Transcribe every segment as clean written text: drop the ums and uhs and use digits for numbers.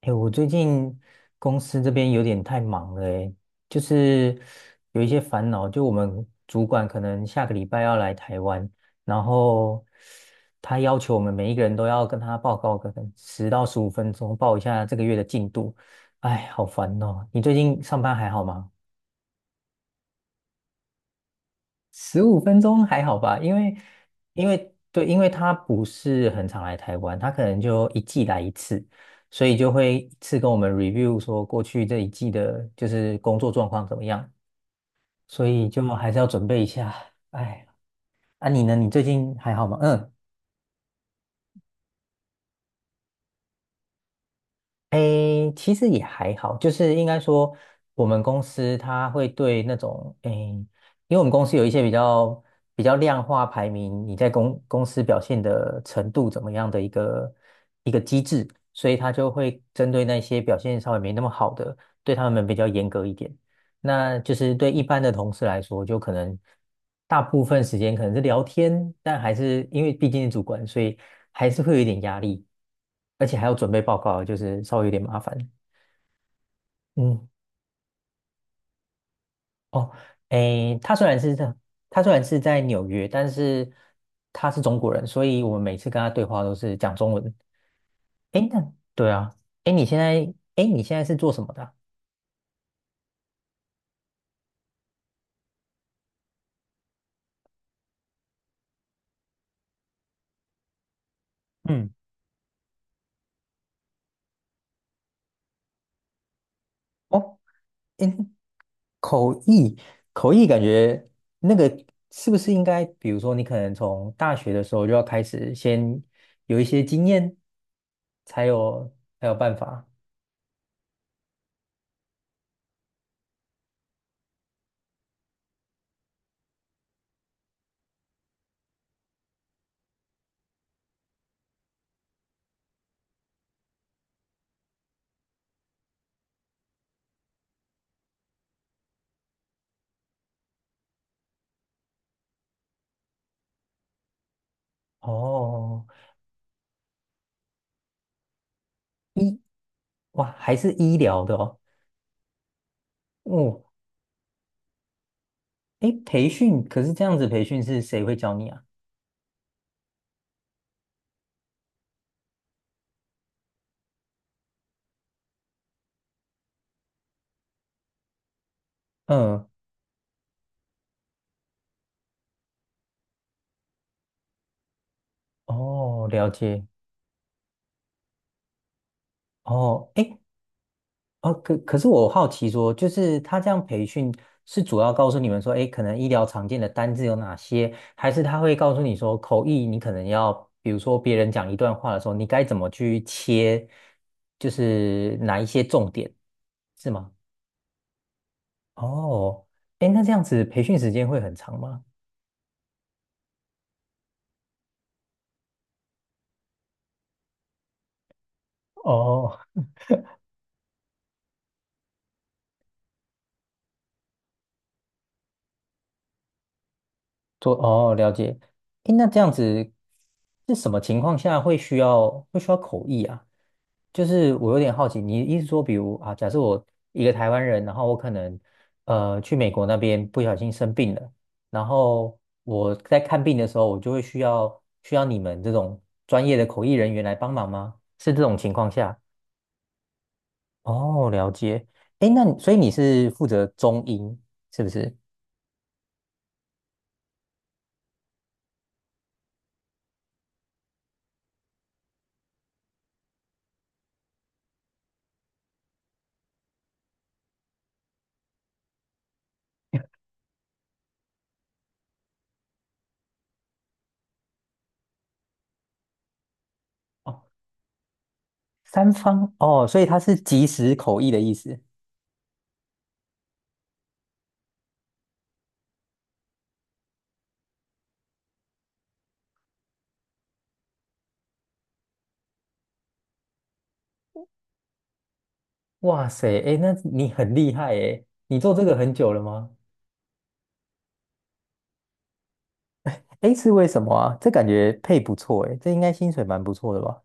哎，我最近公司这边有点太忙了，哎，就是有一些烦恼。就我们主管可能下个礼拜要来台湾，然后他要求我们每一个人都要跟他报告个10到15分钟，报一下这个月的进度。哎，好烦哦！你最近上班还好吗？十五分钟还好吧，因为对，因为他不是很常来台湾，他可能就一季来一次，所以就会一次跟我们 review 说过去这一季的就是工作状况怎么样，所以就还是要准备一下。哎，啊你呢？你最近还好吗？嗯，诶，其实也还好，就是应该说，我们公司它会对那种诶，因为我们公司有一些比较量化排名，你在公司表现的程度怎么样的一个机制，所以它就会针对那些表现稍微没那么好的，对他们比较严格一点。那就是对一般的同事来说，就可能大部分时间可能是聊天，但还是因为毕竟是主管，所以还是会有一点压力，而且还要准备报告，就是稍微有点麻烦。嗯，哦，诶，他虽然是在纽约，但是他是中国人，所以我们每次跟他对话都是讲中文。诶，那对啊，诶，你现在是做什么的啊？嗯，哦，诶，口译，口译感觉那个是不是应该，比如说你可能从大学的时候就要开始，先有一些经验，才有才有办法。哦，医，哇，还是医疗的哦。哦，诶，培训，可是这样子培训是谁会教你啊？嗯，哦，了解。哦，哎，哦，可是我好奇说，就是他这样培训是主要告诉你们说，诶，可能医疗常见的单字有哪些，还是他会告诉你说，口译你可能要，比如说别人讲一段话的时候，你该怎么去切，就是哪一些重点，是吗？哦，诶，那这样子培训时间会很长吗？哦，哦，了解。诶，那这样子是什么情况下会需要口译啊？就是我有点好奇，你意思说，比如啊，假设我一个台湾人，然后我可能去美国那边不小心生病了，然后我在看病的时候，我就会需要你们这种专业的口译人员来帮忙吗？是这种情况下？哦，了解。诶，那你所以你是负责中英是不是？哦，三方哦，所以它是即时口译的意思。哇塞，哎，那你很厉害哎，你做这个很久了吗？哎，是为什么啊？这感觉配不错哎，这应该薪水蛮不错的吧？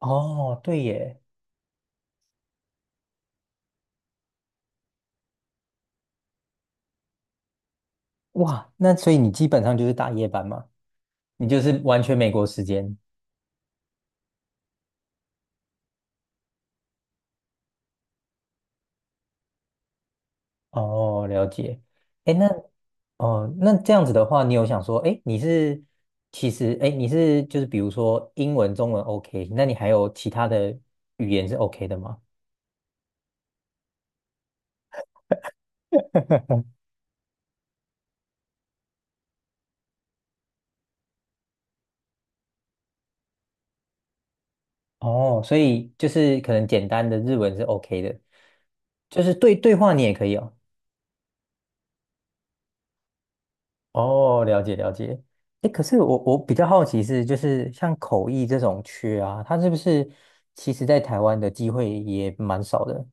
哦，对耶，哇，那所以你基本上就是大夜班嘛，你就是完全美国时间。哦，了解。哎，那哦，那这样子的话，你有想说，哎，你是其实哎，你是就是比如说英文、中文 OK，那你还有其他的语言是 OK 的吗？哦，所以就是可能简单的日文是 OK 的，就是对对话你也可以哦。哦，了解了解。哎，可是我比较好奇是，就是像口译这种缺啊，它是不是其实在台湾的机会也蛮少的？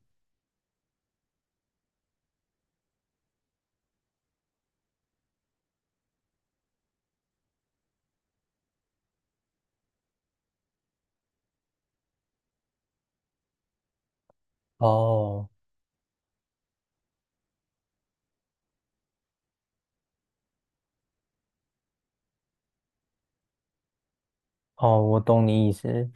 哦哦，我懂你意思。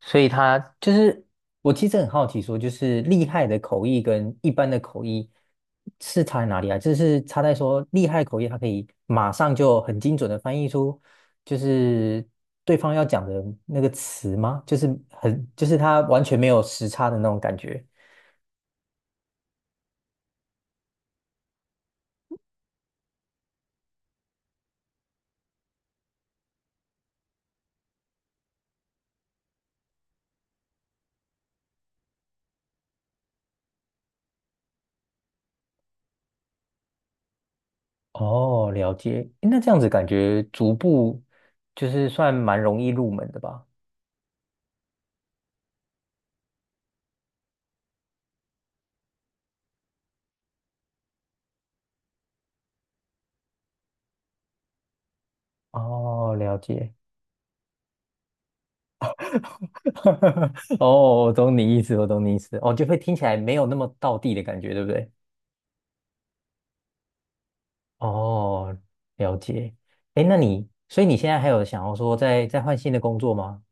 所以他就是，我其实很好奇说，就是厉害的口译跟一般的口译是差在哪里啊？就是差在说厉害口译，它可以马上就很精准的翻译出，就是对方要讲的那个词吗？就是很，就是它完全没有时差的那种感觉。哦，了解。诶那这样子感觉逐步就是算蛮容易入门的吧？哦，了解。哦，我懂你意思，我懂你意思。哦，就会听起来没有那么道地的感觉，对不对？哦，了解。哎，那你，所以你现在还有想要说再换新的工作吗？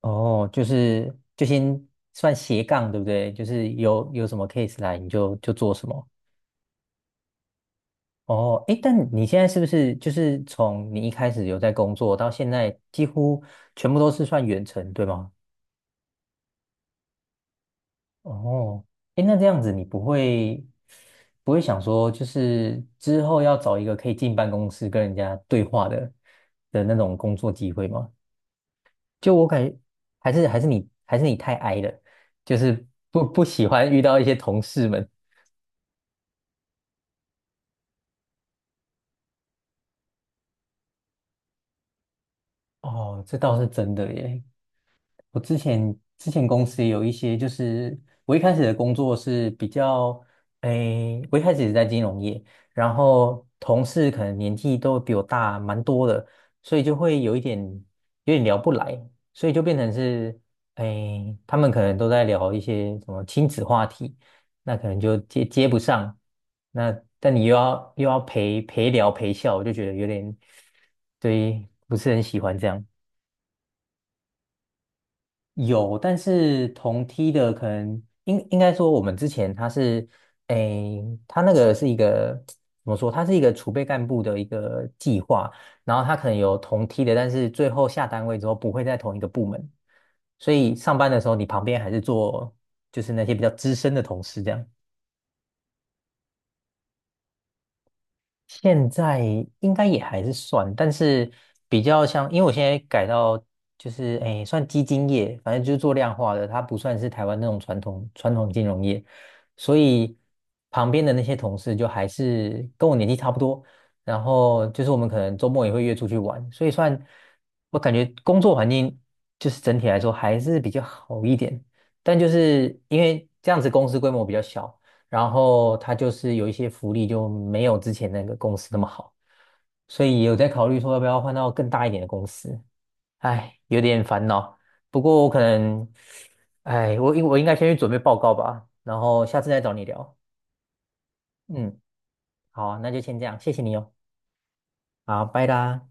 哦，就是就先算斜杠，对不对？就是有什么 case 来，你就做什么。哦，哎，但你现在是不是就是从你一开始有在工作到现在，几乎全部都是算远程，对吗？哦，哎，那这样子你不会想说，就是之后要找一个可以进办公室跟人家对话的那种工作机会吗？就我感觉还是你太 i 了，就是不喜欢遇到一些同事们。哦，这倒是真的耶。我之前公司有一些，就是我一开始的工作是比较，诶，我一开始也是在金融业，然后同事可能年纪都比我大蛮多的，所以就会有点聊不来，所以就变成是，诶，他们可能都在聊一些什么亲子话题，那可能就接不上，那但你又要陪聊陪笑，我就觉得有点，对，不是很喜欢这样。有，但是同梯的可能应该说，我们之前他是，诶，他那个是一个怎么说？他是一个储备干部的一个计划，然后他可能有同梯的，但是最后下单位之后不会在同一个部门，所以上班的时候你旁边还是做就是那些比较资深的同事这样。现在应该也还是算，但是比较像，因为我现在改到就是诶，算基金业，反正就是做量化的，它不算是台湾那种传统金融业，所以旁边的那些同事就还是跟我年纪差不多，然后就是我们可能周末也会约出去玩，所以算我感觉工作环境就是整体来说还是比较好一点，但就是因为这样子公司规模比较小。然后他就是有一些福利就没有之前那个公司那么好，所以有在考虑说要不要换到更大一点的公司，哎，有点烦恼。不过我可能，哎，我应该先去准备报告吧，然后下次再找你聊。嗯，好啊那就先这样，谢谢你哦，好，拜啦。